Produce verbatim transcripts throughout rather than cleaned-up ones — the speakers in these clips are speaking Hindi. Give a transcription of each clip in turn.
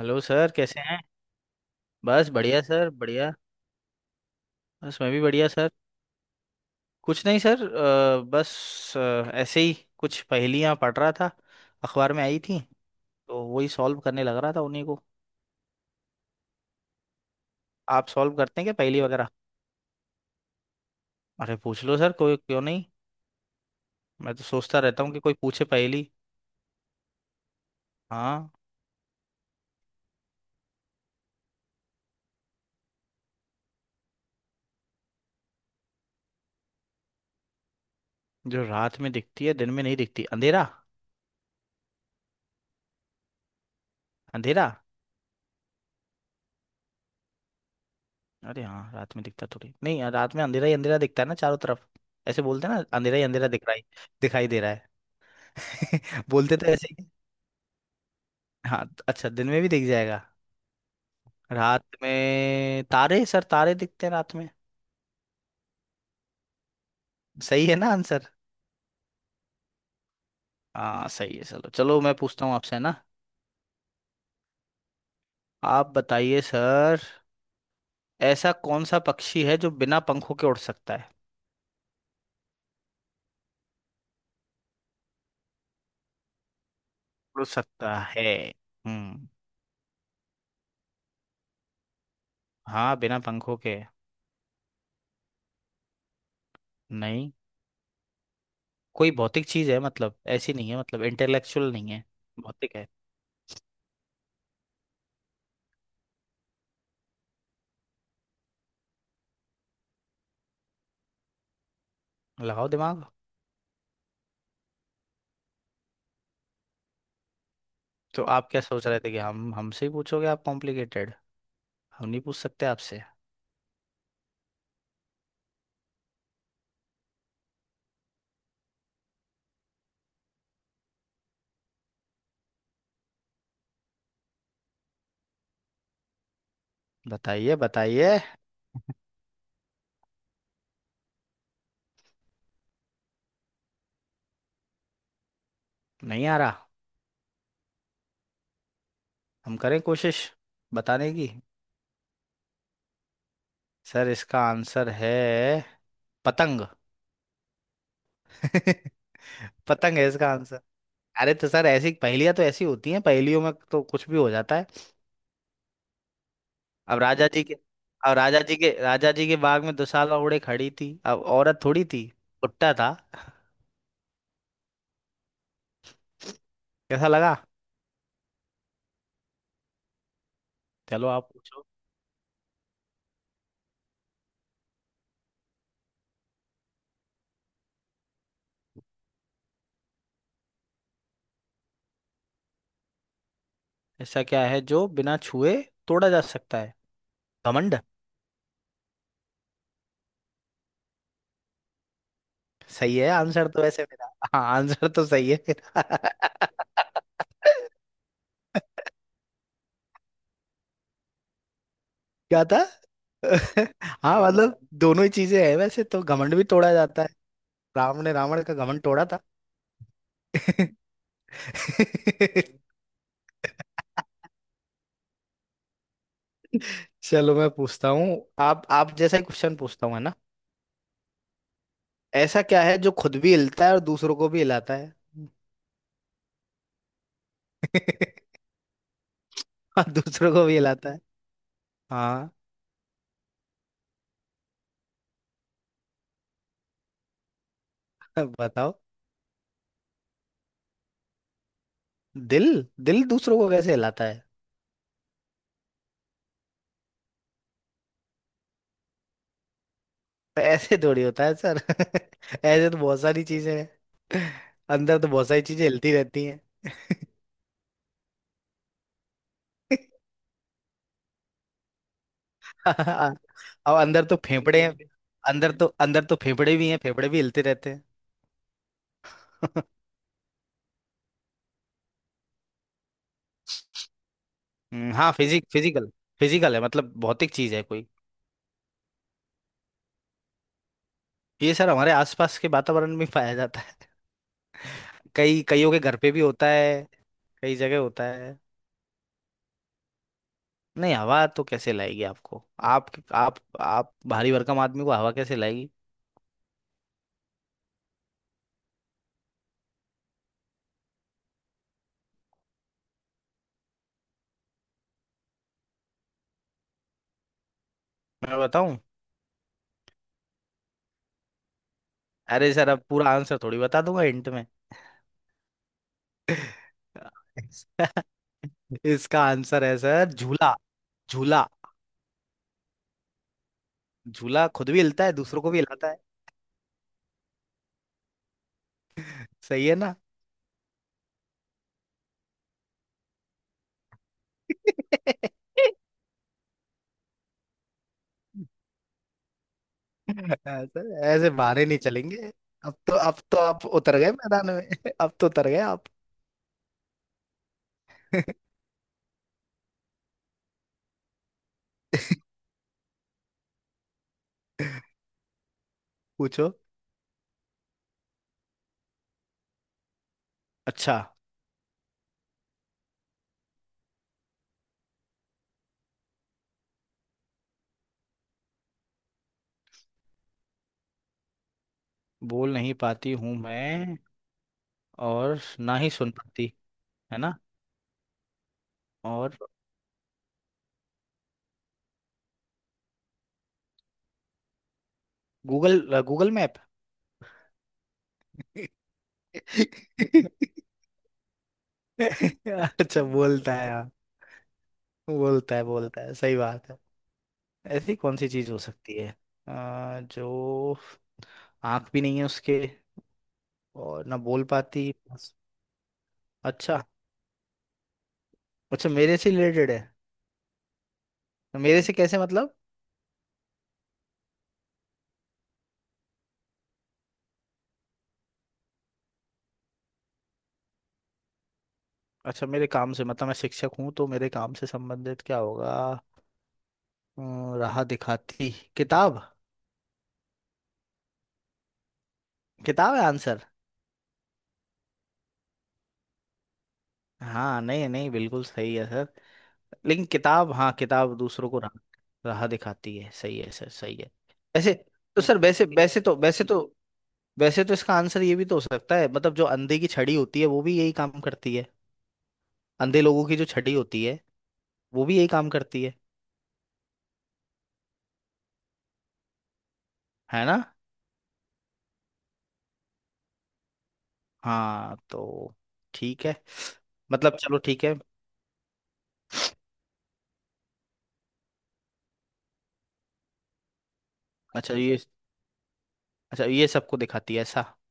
हेलो सर कैसे हैं। बस बढ़िया सर बढ़िया। बस मैं भी बढ़िया सर। कुछ नहीं सर। अ, बस अ, ऐसे ही कुछ पहेलियां पढ़ रहा था। अखबार में आई थी तो वही सॉल्व करने लग रहा था उन्हीं को। आप सॉल्व करते हैं क्या पहेली वगैरह। अरे पूछ लो सर, कोई क्यों नहीं। मैं तो सोचता रहता हूँ कि कोई पूछे पहेली। हाँ। जो रात में दिखती है दिन में नहीं दिखती, अंधेरा। अंधेरा। अरे हाँ, रात में दिखता थोड़ी नहीं यार, रात में अंधेरा ही अंधेरा दिखता है ना चारों तरफ। ऐसे बोलते हैं ना अंधेरा ही अंधेरा दिख रहा है, दिखाई दे रहा है। बोलते तो ऐसे ही। हाँ अच्छा, दिन में भी दिख जाएगा। रात में तारे सर, तारे दिखते हैं रात में। सही है ना आंसर। हाँ सही है, चलो चलो मैं पूछता हूँ आपसे है ना। आप बताइए सर। ऐसा कौन सा पक्षी है जो बिना पंखों के उड़ सकता है। उड़ सकता है, हम्म। हाँ, बिना पंखों के। नहीं। कोई भौतिक चीज है, मतलब ऐसी नहीं है, मतलब इंटेलेक्चुअल नहीं है। भौतिक है। लगाओ दिमाग। तो आप क्या सोच रहे थे कि हम हमसे ही पूछोगे आप कॉम्प्लिकेटेड, हम नहीं पूछ सकते आपसे। बताइए बताइए। नहीं आ रहा। हम करें कोशिश बताने की। सर इसका आंसर है पतंग। पतंग है इसका आंसर। अरे तो सर ऐसी पहेलियां तो ऐसी होती हैं, पहेलियों में तो कुछ भी हो जाता है। अब राजा जी के अब राजा जी के राजा जी के बाग में दुशाला ओढ़े खड़ी थी, अब औरत थोड़ी थी, भुट्टा था। कैसा लगा। चलो आप पूछो। ऐसा क्या है जो बिना छुए तोड़ा जा सकता है। घमंड। सही है आंसर तो वैसे मेरा। हाँ आंसर तो सही है मेरा। क्या था। हाँ मतलब दोनों ही चीजें हैं, वैसे तो घमंड भी तोड़ा जाता है। राम ने रावण का घमंड तोड़ा था। चलो मैं पूछता हूँ। आप आप जैसा ही क्वेश्चन पूछता हूँ है ना। ऐसा क्या है जो खुद भी हिलता है और दूसरों को भी हिलाता है। और दूसरों को भी हिलाता है। हाँ। बताओ। दिल। दिल दूसरों को कैसे हिलाता है। तो ऐसे थोड़ी होता है सर। ऐसे तो बहुत सारी चीजें हैं, अंदर तो बहुत सारी चीजें हिलती रहती हैं। अब अंदर तो फेफड़े हैं, अंदर तो अंदर तो फेफड़े भी हैं, फेफड़े भी हिलते रहते हैं। हम्म, हाँ फिजिक फिजिकल। फिजिकल है, मतलब भौतिक चीज है कोई। ये सर हमारे आसपास के वातावरण में पाया जाता है। कई कईयों के घर पे भी होता है, कई जगह होता है। नहीं हवा तो कैसे लाएगी आपको। आप आप आप भारी भरकम आदमी को हवा कैसे लाएगी। मैं बताऊं। अरे सर अब पूरा आंसर थोड़ी बता दूंगा हिंट में। इसका आंसर है सर झूला। झूला। झूला खुद भी हिलता है दूसरों को भी हिलाता है, सही है ना। ऐसे, ऐसे बहाने नहीं चलेंगे। अब तो अब तो आप उतर गए मैदान में। अब तो उतर गए आप। पूछो। अच्छा। बोल नहीं पाती हूँ मैं और ना ही सुन पाती, है ना। और, गूगल, गूगल मैप। अच्छा बोलता है, हाँ। बोलता है बोलता है, सही बात है। ऐसी कौन सी चीज हो सकती है अ, जो आंख भी नहीं है उसके और ना बोल पाती बस। अच्छा। अच्छा मेरे से रिलेटेड है, तो मेरे से कैसे मतलब। अच्छा मेरे काम से, मतलब मैं शिक्षक हूँ तो मेरे काम से संबंधित क्या होगा। अम, राह दिखाती, किताब। किताब है आंसर। हाँ नहीं नहीं, बिल्कुल सही है सर। लेकिन किताब, हाँ किताब दूसरों को राह राह दिखाती है, सही है सर सही है। वैसे तो सर, वैसे वैसे तो वैसे तो वैसे तो इसका आंसर ये भी तो हो सकता है, मतलब जो अंधे की छड़ी होती है वो भी यही काम करती है। अंधे लोगों की जो छड़ी होती है वो भी यही काम करती है है ना। हाँ तो ठीक है, मतलब चलो ठीक है। अच्छा ये, अच्छा ये सबको दिखाती है ऐसा।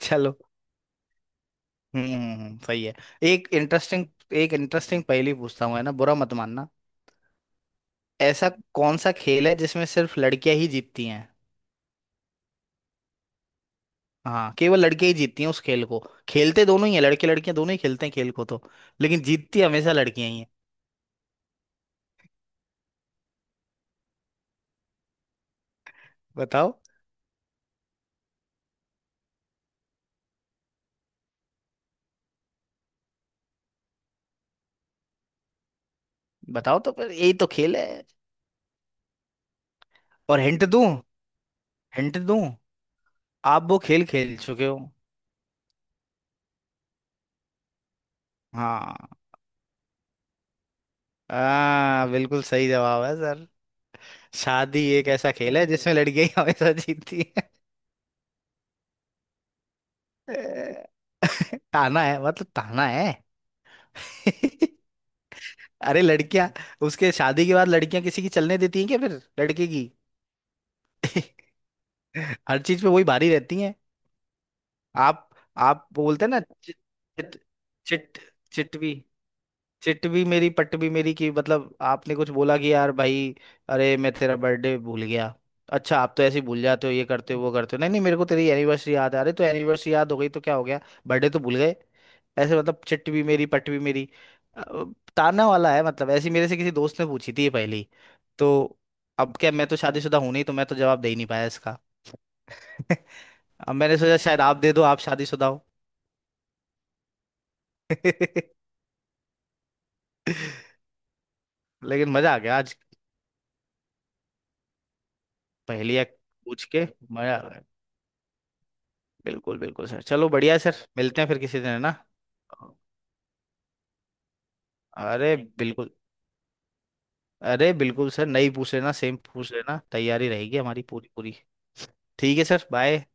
चलो। हम्म हम्म, हम्म, सही है। एक इंटरेस्टिंग एक इंटरेस्टिंग पहेली पूछता हूँ है ना, बुरा मत मानना। ऐसा कौन सा खेल है जिसमें सिर्फ लड़कियां ही जीतती हैं। हाँ केवल लड़कियां ही जीतती हैं उस खेल को। खेलते दोनों ही हैं, लड़के लड़कियां दोनों ही खेलते हैं खेल को तो, लेकिन जीतती हमेशा लड़कियां ही हैं। बताओ। बताओ तो फिर, यही तो खेल है। और हिंट दूं। हिंट दूं आप वो खेल खेल चुके हो। हाँ। हाँ बिल्कुल सही जवाब है सर। शादी एक ऐसा खेल है जिसमें लड़कियां ही हमेशा जीतती है। ताना है, मतलब ताना है। अरे लड़कियां, उसके शादी के बाद लड़कियां किसी की चलने देती हैं क्या फिर, लड़के की। हर चीज पे वही भारी रहती हैं। आप आप बोलते हैं ना, चिट चिट चिट चिटवी, चिट भी मेरी पट भी मेरी, कि मतलब आपने कुछ बोला कि यार भाई अरे मैं तेरा बर्थडे भूल गया। अच्छा, आप तो ऐसे ही भूल जाते हो, ये करते हो वो करते हो, नहीं नहीं मेरे को तेरी एनिवर्सरी याद है, अरे तो एनिवर्सरी याद हो गई तो क्या हो गया, बर्थडे तो भूल गए। ऐसे मतलब चिट भी मेरी पट भी मेरी। अ, ताना वाला है मतलब, ऐसी मेरे से किसी दोस्त ने पूछी थी ये पहली। तो अब क्या, मैं तो शादीशुदा हूं नहीं तो मैं तो जवाब दे ही नहीं पाया इसका। अब मैंने सोचा शायद आप दे दो, आप शादीशुदा हो। लेकिन मजा आ गया आज, पहेलियां पूछ के मजा आ गया। बिल्कुल बिल्कुल सर, चलो बढ़िया है सर, मिलते हैं फिर किसी दिन है ना। अरे थैंक यू, बिल्कुल। अरे बिल्कुल सर, नई पूछ लेना सेम पूछ लेना, तैयारी रहेगी हमारी पूरी पूरी। ठीक है सर, बाय।